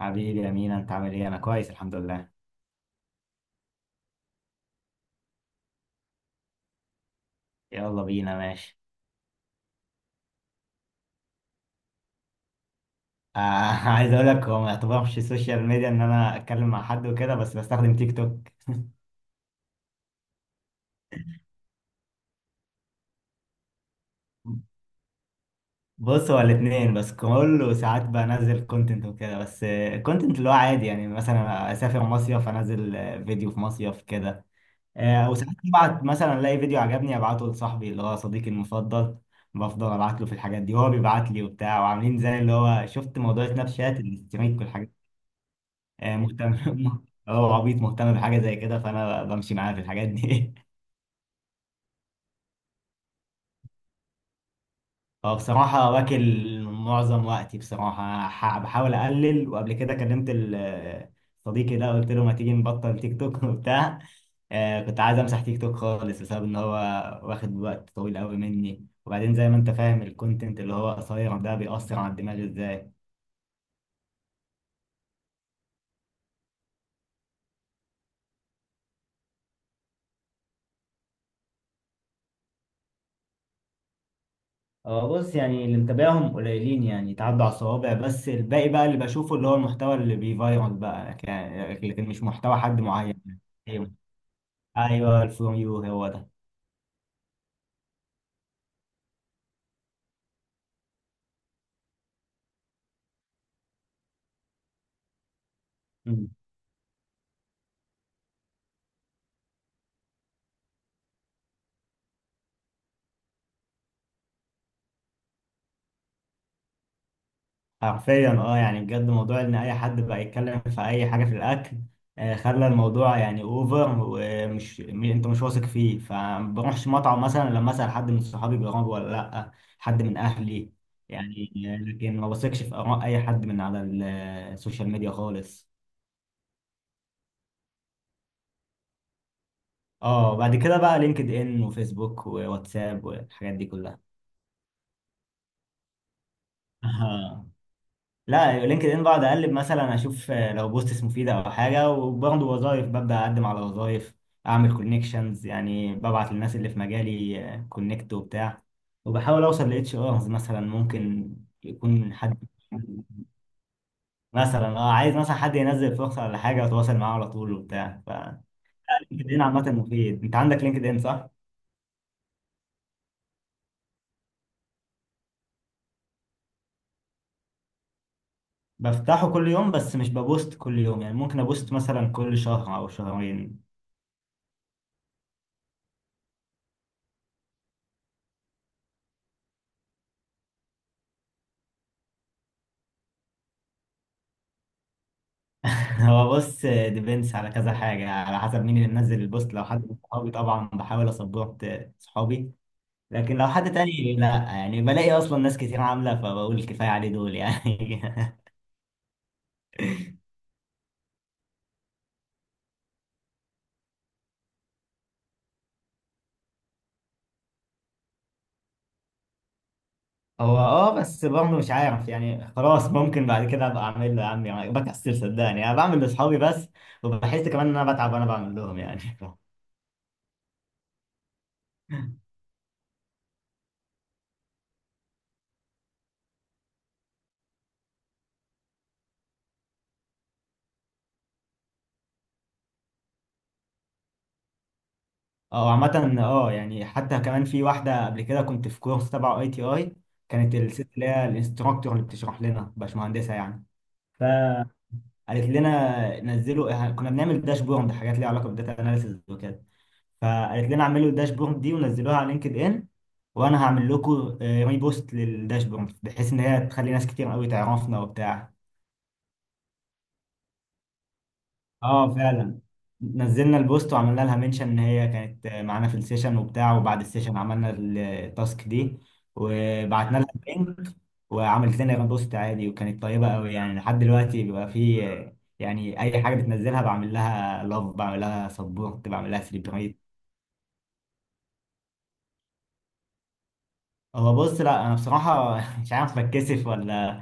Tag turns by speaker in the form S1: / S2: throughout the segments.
S1: حبيبي يا مينا، انت عامل ايه؟ انا كويس الحمد لله. يلا بينا ماشي. آه عايز اقول لك هو ما يعتبرش سوشيال ميديا ان انا اتكلم مع حد وكده، بس بستخدم تيك توك. بص، هو الاثنين بس، كل وساعات بنزل كونتنت وكده بس. كونتنت اللي هو عادي، يعني مثلا اسافر مصيف انزل فيديو في مصيف كده. وساعات ببعت مثلا، الاقي فيديو عجبني ابعته لصاحبي اللي هو صديقي المفضل. بفضل ابعت له في الحاجات دي وهو بيبعت لي وبتاع، وعاملين زي اللي هو شفت موضوع سناب شات الاستريك والحاجات. آه، مهتم. اه عبيط، مهتم بحاجة زي كده، فأنا بمشي معاه في الحاجات دي. هو بصراحة واكل معظم وقتي، بصراحة بحاول أقلل. وقبل كده كلمت صديقي ده، قلت له ما تيجي نبطل تيك توك وبتاع. آه، كنت عايز أمسح تيك توك خالص بسبب إن هو واخد وقت طويل قوي مني، وبعدين زي ما أنت فاهم الكونتنت اللي هو قصير ده بيأثر على الدماغ إزاي. اه بص، يعني اللي متابعهم قليلين، يعني يتعدوا على الصوابع، بس الباقي بقى اللي بشوفه اللي هو المحتوى اللي بيفايرال بقى، لكن مش محتوى حد معين. ايوه، ايوه الفروم يو هو ده. مم. حرفيا اه، يعني بجد موضوع ان اي حد بقى يتكلم في اي حاجه في الاكل خلى الموضوع يعني اوفر. ومش انت مش واثق فيه، فما بروحش مطعم مثلا لما اسال حد من صحابي جربه ولا لا، حد من اهلي يعني. لكن ما بثقش في اراء اي حد من على السوشيال ميديا خالص. اه، بعد كده بقى لينكد ان وفيسبوك وواتساب والحاجات دي كلها. آه. لا، لينكد ان بقعد اقلب، مثلا اشوف لو بوستس مفيده او حاجه، وبرضه وظايف ببدا اقدم على وظايف، اعمل كونكشنز. يعني ببعت للناس اللي في مجالي كونكت وبتاع، وبحاول اوصل لاتش ارز مثلا، ممكن يكون حد مثلا، اه عايز مثلا حد ينزل فرصه ولا حاجه، وتواصل معاه على طول وبتاع. ف لينكد ان عامه مفيد، انت عندك لينكد ان صح؟ بفتحه كل يوم، بس مش ببوست كل يوم، يعني ممكن ابوست مثلا كل شهر او شهرين. هو بص، ديبينس على كذا حاجة، على حسب مين اللي منزل البوست. لو حد من صحابي طبعا بحاول اسبورت صحابي، لكن لو حد تاني لا، يعني بلاقي اصلا ناس كتير عاملة، فبقول كفاية عليه دول يعني. هو اه، بس برضه مش عارف يعني، خلاص ممكن بعد كده ابقى اعمل له. يا عم يعني، بكسل، صدقني انا بعمل لاصحابي بس. وبحس كمان ان انا بتعب وانا بعمل لهم يعني. اه عامة، اه يعني حتى كمان في واحدة قبل كده كنت في كورس تبع اي تي اي. كانت الست اللي هي الانستراكتور اللي بتشرح لنا باشمهندسة يعني، فقالت لنا نزلوا. اه، كنا بنعمل داشبورد، حاجات ليها علاقة بالداتا اناليسيز وكده، فقالت لنا اعملوا الداشبورد دي ونزلوها على لينكد ان، وانا هعمل لكم ريبوست للداشبورد، بحيث ان هي تخلي ناس كتير قوي تعرفنا وبتاع. اه فعلا، نزلنا البوست وعملنا لها منشن ان هي كانت معانا في السيشن وبتاع، وبعد السيشن عملنا التاسك دي وبعتنا لها اللينك. وعملت لنا بوست عادي، وكانت طيبة قوي يعني. لحد دلوقتي بيبقى في، يعني اي حاجة بتنزلها بعمل لها لاف، بعمل لها سبورت، بعمل لها سيلبريت. هو بص، لا انا بصراحة مش عارف بتكسف ولا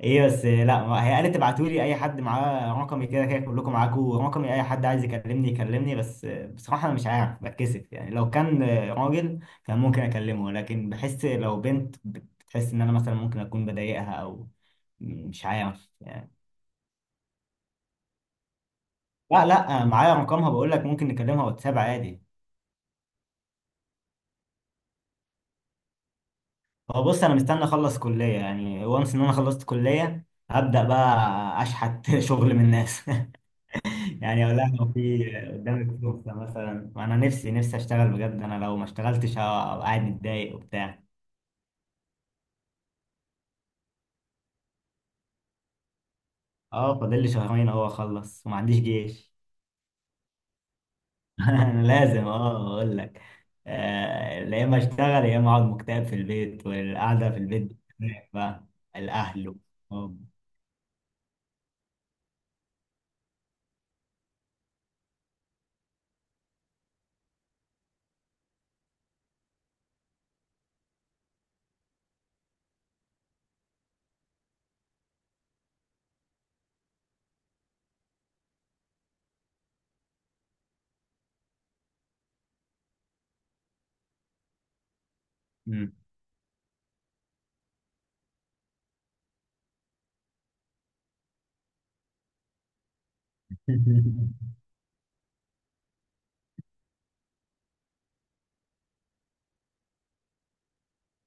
S1: ايه، بس لا، هي قالت تبعتوا لي، اي حد معاه رقمي كده كده، كلكم معاكم رقمي، اي حد عايز يكلمني يكلمني. بس بصراحه انا مش عارف بتكسف، يعني لو كان راجل كان ممكن اكلمه، لكن بحس لو بنت بتحس ان انا مثلا ممكن اكون بضايقها، او مش عارف يعني. لا لا، معايا رقمها بقول لك، ممكن نكلمها واتساب عادي. هو بص، انا مستني اخلص كليه، يعني وانس ان انا خلصت كليه هبدا بقى اشحت شغل من الناس. يعني اقول لها لو في قدامك فرصه مثلا، انا نفسي نفسي اشتغل بجد. انا لو ما اشتغلتش هبقى قاعد متضايق وبتاع. اه، فاضل لي شهرين اهو اخلص وما عنديش جيش. انا لازم، اه اقول لك يا اما اشتغل يا اما اقعد مكتئب في البيت، والقعده في البيت بتخنق بقى. الاهل. اه.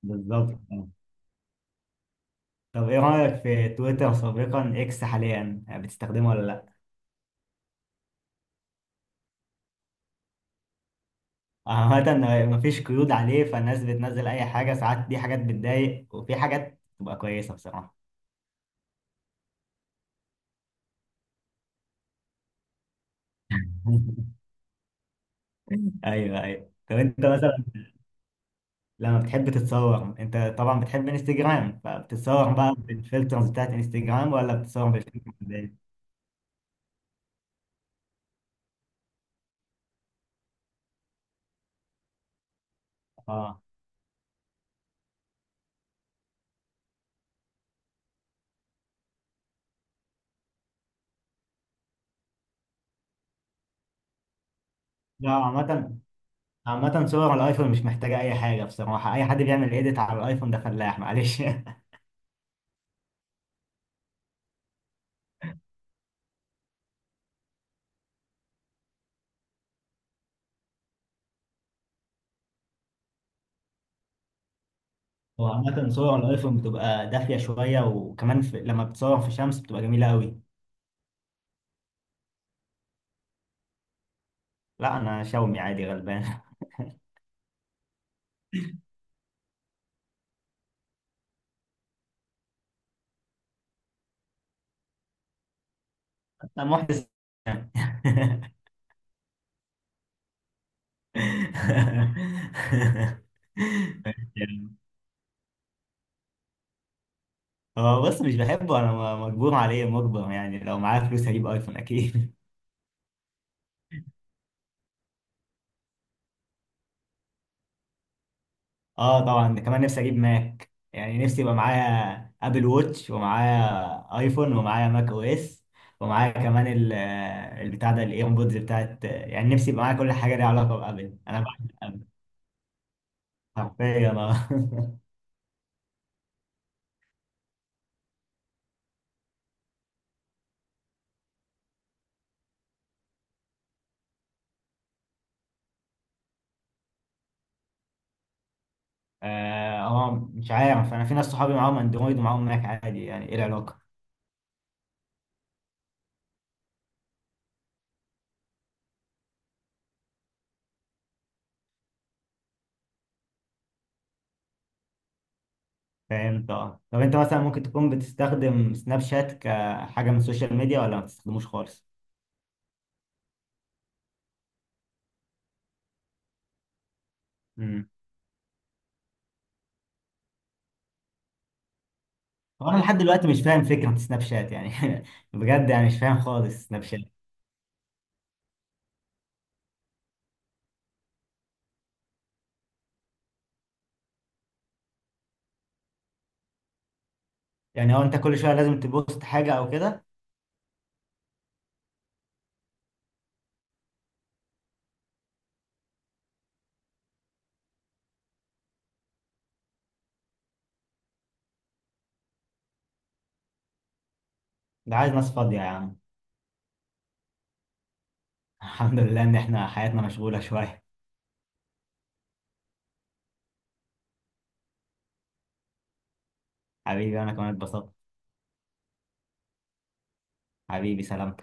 S1: بالظبط. طب ايه رايك في تويتر سابقا اكس حاليا، بتستخدمه ولا لا؟ عامة مفيش قيود عليه، فالناس بتنزل أي حاجة. ساعات دي حاجات بتضايق، وفي حاجات تبقى كويسة بصراحة. أيوه، أيوه طب أنت مثلا لما بتحب تتصور، أنت طبعا بتحب انستجرام، فبتتصور بقى بالفلترز بتاعت انستجرام ولا بتتصور بالفلتر العادية؟ اه. لا، عامة. صور الأيفون مش محتاجة أي حاجة بصراحة. أي حد بيعمل إيديت على الأيفون ده فلاح معلش. هو عامة صور الأيفون بتبقى دافية شوية، وكمان في... لما بتصور في شمس بتبقى جميلة أوي. لا انا شومي عادي غلبان. انا محدث. هو بص مش بحبه، انا مجبور عليه، مجبر يعني. لو معايا فلوس هجيب ايفون اكيد. اه طبعا، كمان نفسي اجيب ماك. يعني نفسي يبقى معايا ابل ووتش، ومعايا ايفون، ومعايا ماك او اس، ومعايا كمان البتاع ده الايربودز بتاعت. يعني نفسي يبقى معايا كل حاجه ليها علاقه بابل، انا بعشق ابل. حرفيا آه. اه، مش عارف. انا في ناس صحابي معاهم اندرويد ومعاهم ماك عادي، يعني ايه العلاقه؟ فهمت. اه طب انت مثلا ممكن تكون بتستخدم سناب شات كحاجه من السوشيال ميديا، ولا ما بتستخدموش خالص؟ امم هو انا لحد دلوقتي مش فاهم فكره سناب شات يعني. بجد يعني، مش فاهم خالص سناب شات. يعني هو انت كل شويه لازم تبوست حاجه او كده؟ ده عايز ناس فاضيه يا عم. الحمد لله ان احنا حياتنا مشغوله شويه. حبيبي انا كمان اتبسطت. حبيبي سلام.